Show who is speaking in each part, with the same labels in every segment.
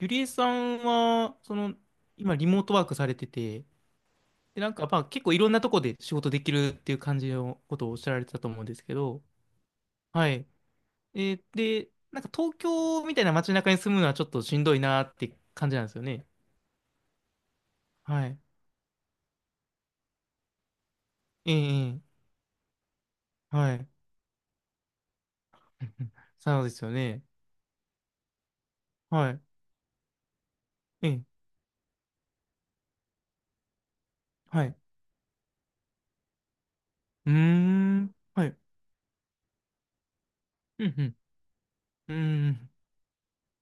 Speaker 1: ゆりえさんは、今リモートワークされてて、で、結構いろんなとこで仕事できるっていう感じのことをおっしゃられてたと思うんですけど、はい。えーで、なんか東京みたいな街中に住むのはちょっとしんどいなって感じなんですよね。はい。ええええはい。そうですよね。はい。ええはい。うーん。はい。うん、うん。うーん。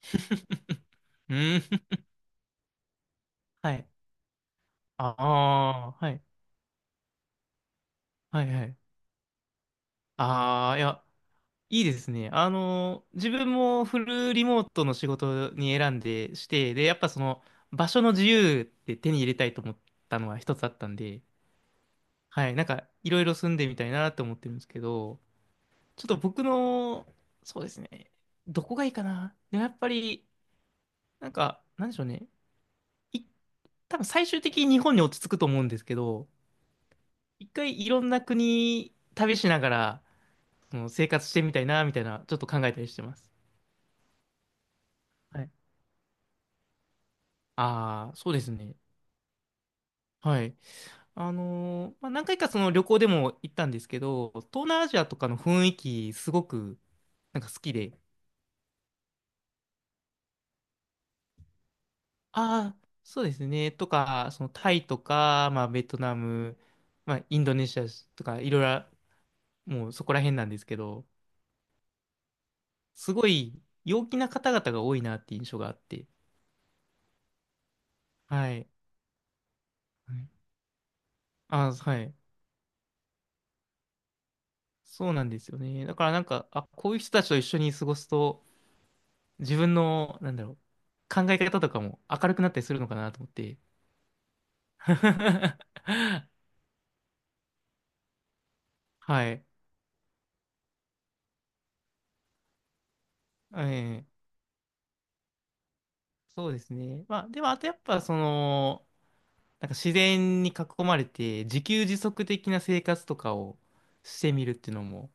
Speaker 1: うーん。はい。ああ、はい。はい、はい。ああ、いや。いいですね。あの、自分もフルリモートの仕事に選んでして、で、やっぱその場所の自由って手に入れたいと思ったのは一つあったんで、はい、なんかいろいろ住んでみたいなと思ってるんですけど、ちょっと僕の、そうですね、どこがいいかな。でもやっぱり、なんか、なんでしょうね。い、多分最終的に日本に落ち着くと思うんですけど、一回いろんな国旅しながら、その生活してみたいな、みたいな、ちょっと考えたりしてます。はいああ、そうですね。はい。何回かその旅行でも行ったんですけど、東南アジアとかの雰囲気すごくなんか好きで、ああ、そうですね、とか、そのタイとか、まあ、ベトナム、まあ、インドネシアとか、いろいろ、もうそこら辺なんですけど、すごい陽気な方々が多いなって印象があって、はい。はいああ、はい。そうなんですよね。だからなんか、あ、こういう人たちと一緒に過ごすと、自分の、なんだろう、考え方とかも明るくなったりするのかなと思って。はい。ええ、そうですね。まあ、でも、あとやっぱ、その、なんか自然に囲まれて、自給自足的な生活とかをしてみるっていうのも、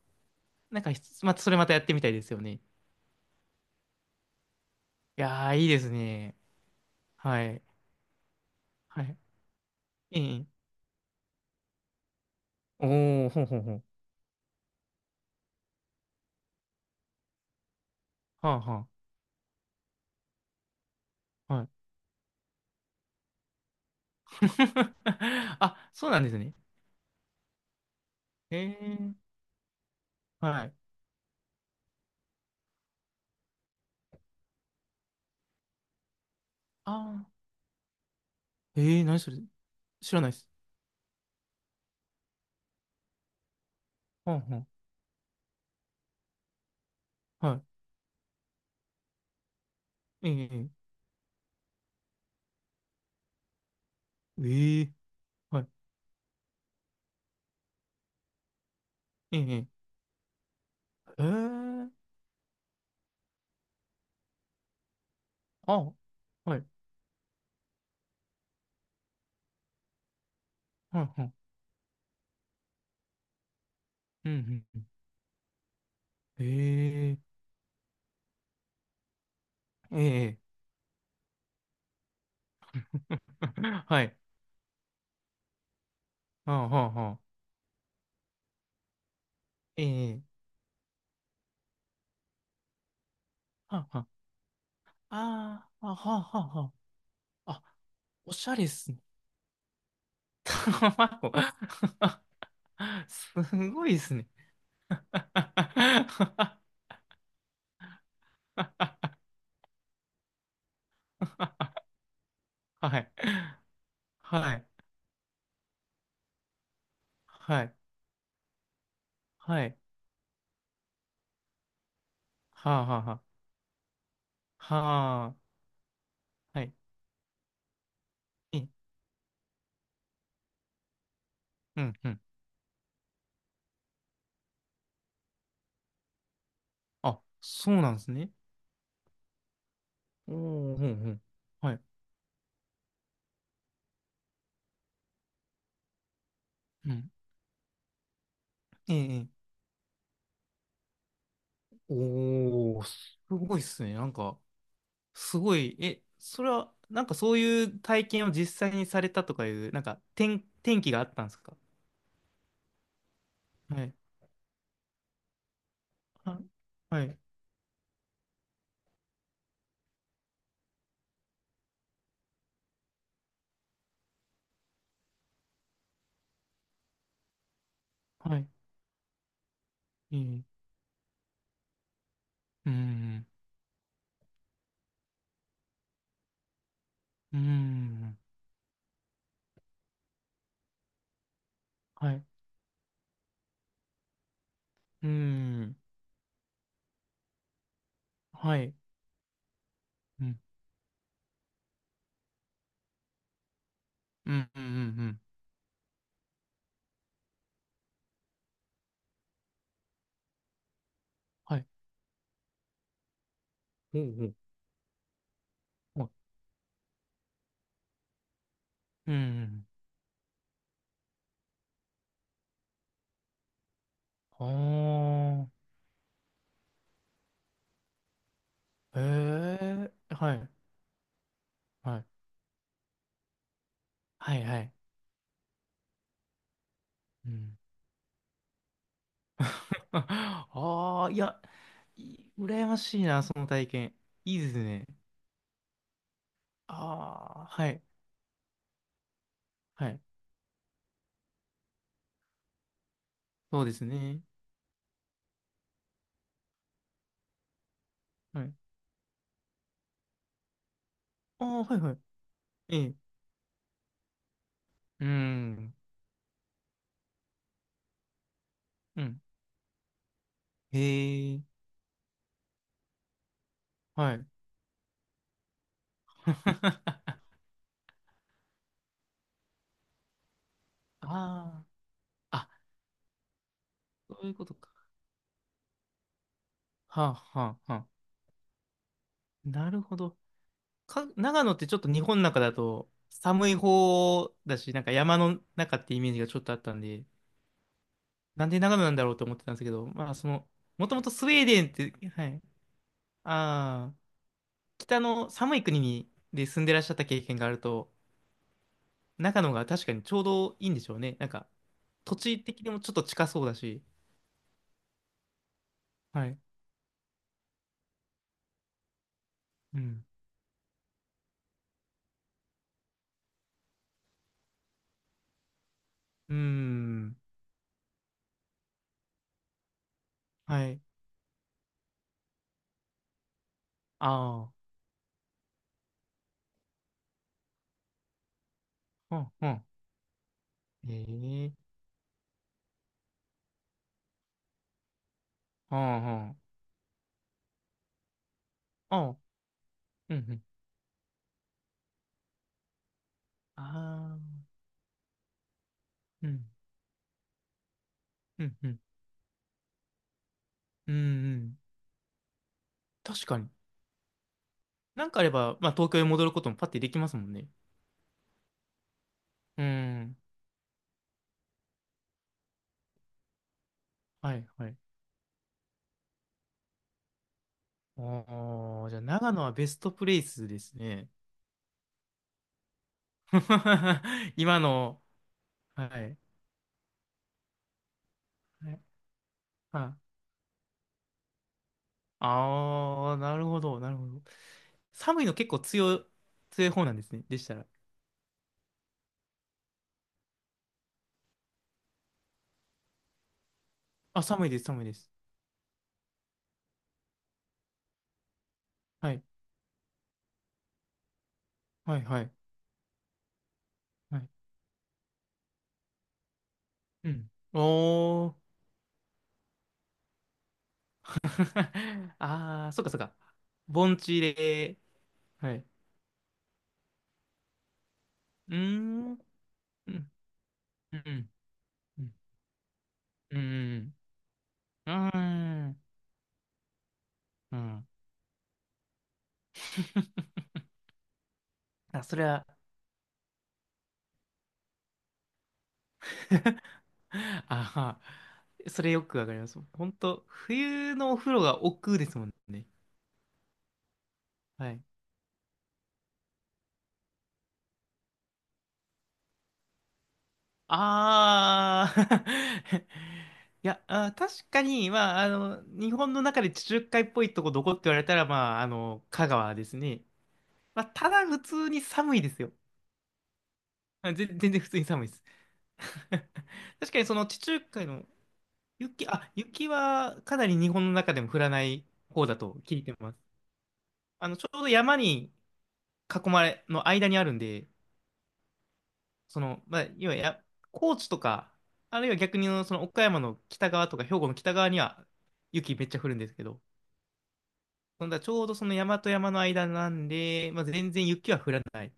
Speaker 1: なんかひつ、またそれまたやってみたいですよね。いやー、いいですね。はい。はい。ええ。おー、ほんほんほん。はあはあ。はい。あ、そうなんですね。ええ、はい。ああ。ええ、何それ。知らないです。はんはん。はい。ええええええはい。ええええええあ、はい。はいはい。うんうんうん。ええええええ はい。はあはあはあ。ええはあはあ。ああ、はあはあはあ。あ、おしゃれっすね。卵。すごいっすね。はい。はい。はい。はい。はあはあはあ。はあ。はい。うんうん。あ、そうなんですね。おー、うんうん。はい。うん。ええ、ええおー、すごいっすね。なんか、すごい、え、それは、なんかそういう体験を実際にされたとかいう、天気があったんですか。はい。は、はい。はい。ええ、うん。うん。はい。うん。はい。うん。うん。うん。うんうんはい。うん。うん。はいうん。ああ。へえ。はい。はい。はいはい。うん。ああ、いや、羨ましいな、その体験。いいですね。ああ、はい。はい。そうですね。はい。ああ、はいはい。ええ。うん。うん。へえ。はい。ああ。あ、そういうことか。はあ、はあ、はあ。なるほど。長野ってちょっと日本の中だと寒い方だし、なんか山の中ってイメージがちょっとあったんで、なんで長野なんだろうと思ってたんですけど、もともとスウェーデンって、はい、ああ、北の寒い国にで住んでらっしゃった経験があると、長野が確かにちょうどいいんでしょうね。なんか、土地的にもちょっと近そうだし、はい、うん、うーん、はい、ああ、うん、うん、ええ、ああ、ああ、うん、うん、ああ、うん、うん、うん、うん、うん確かに。なんかあれば、まあ、東京へ戻ることもパッてできますもんね。うん、はい、はい。おー、じゃあ長野はベストプレイスですね。今の、はい。はいああー、なるほど、なるほど。寒いの結構強い、強い方なんですね。でしたら。あ、寒いです、寒いです。はい、はい、はい。はいうん。おー。ああ、そっかそっか。盆地で、はい。うーん、うん、うん、うん、うん、うん、うん。うんあ、それは ああ、それよくわかります。本当冬のお風呂が億劫ですもんね。はい。ああ いや、あー、確かに、まあ、あの、日本の中で地中海っぽいとこどこって言われたら、まあ、あの、香川ですね。まあ、ただ普通に寒いですよ。全然普通に寒いです。確かにその地中海の雪、あ、雪はかなり日本の中でも降らない方だと聞いてます。あの、ちょうど山に囲まれ、の間にあるんで、その、まあ、要はや、高知とか、あるいは逆にその岡山の北側とか、兵庫の北側には雪めっちゃ降るんですけど、そんなちょうどその山と山の間なんで、まあ、全然雪は降らない。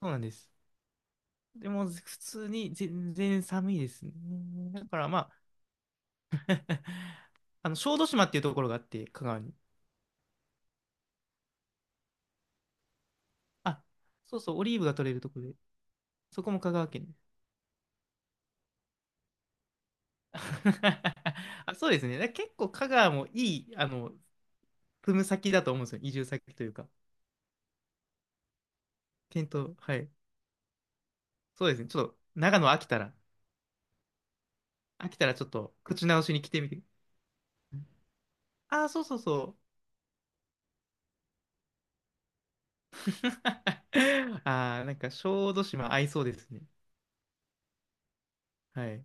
Speaker 1: そうなんです。でも、普通に全然寒いですね。だからまあ、あの小豆島っていうところがあって、香川に。あ、そうそう、オリーブが取れるところで、そこも香川県です。あ、そうですね。だから結構香川もいい、あの、住む先だと思うんですよ。移住先というか。検討、はい。そうですね。ちょっと、長野飽きたら、飽きたらちょっと、口直しに来てみて。ああ、そうそうそう。ああ、なんか、小豆島合いそうですね。はい。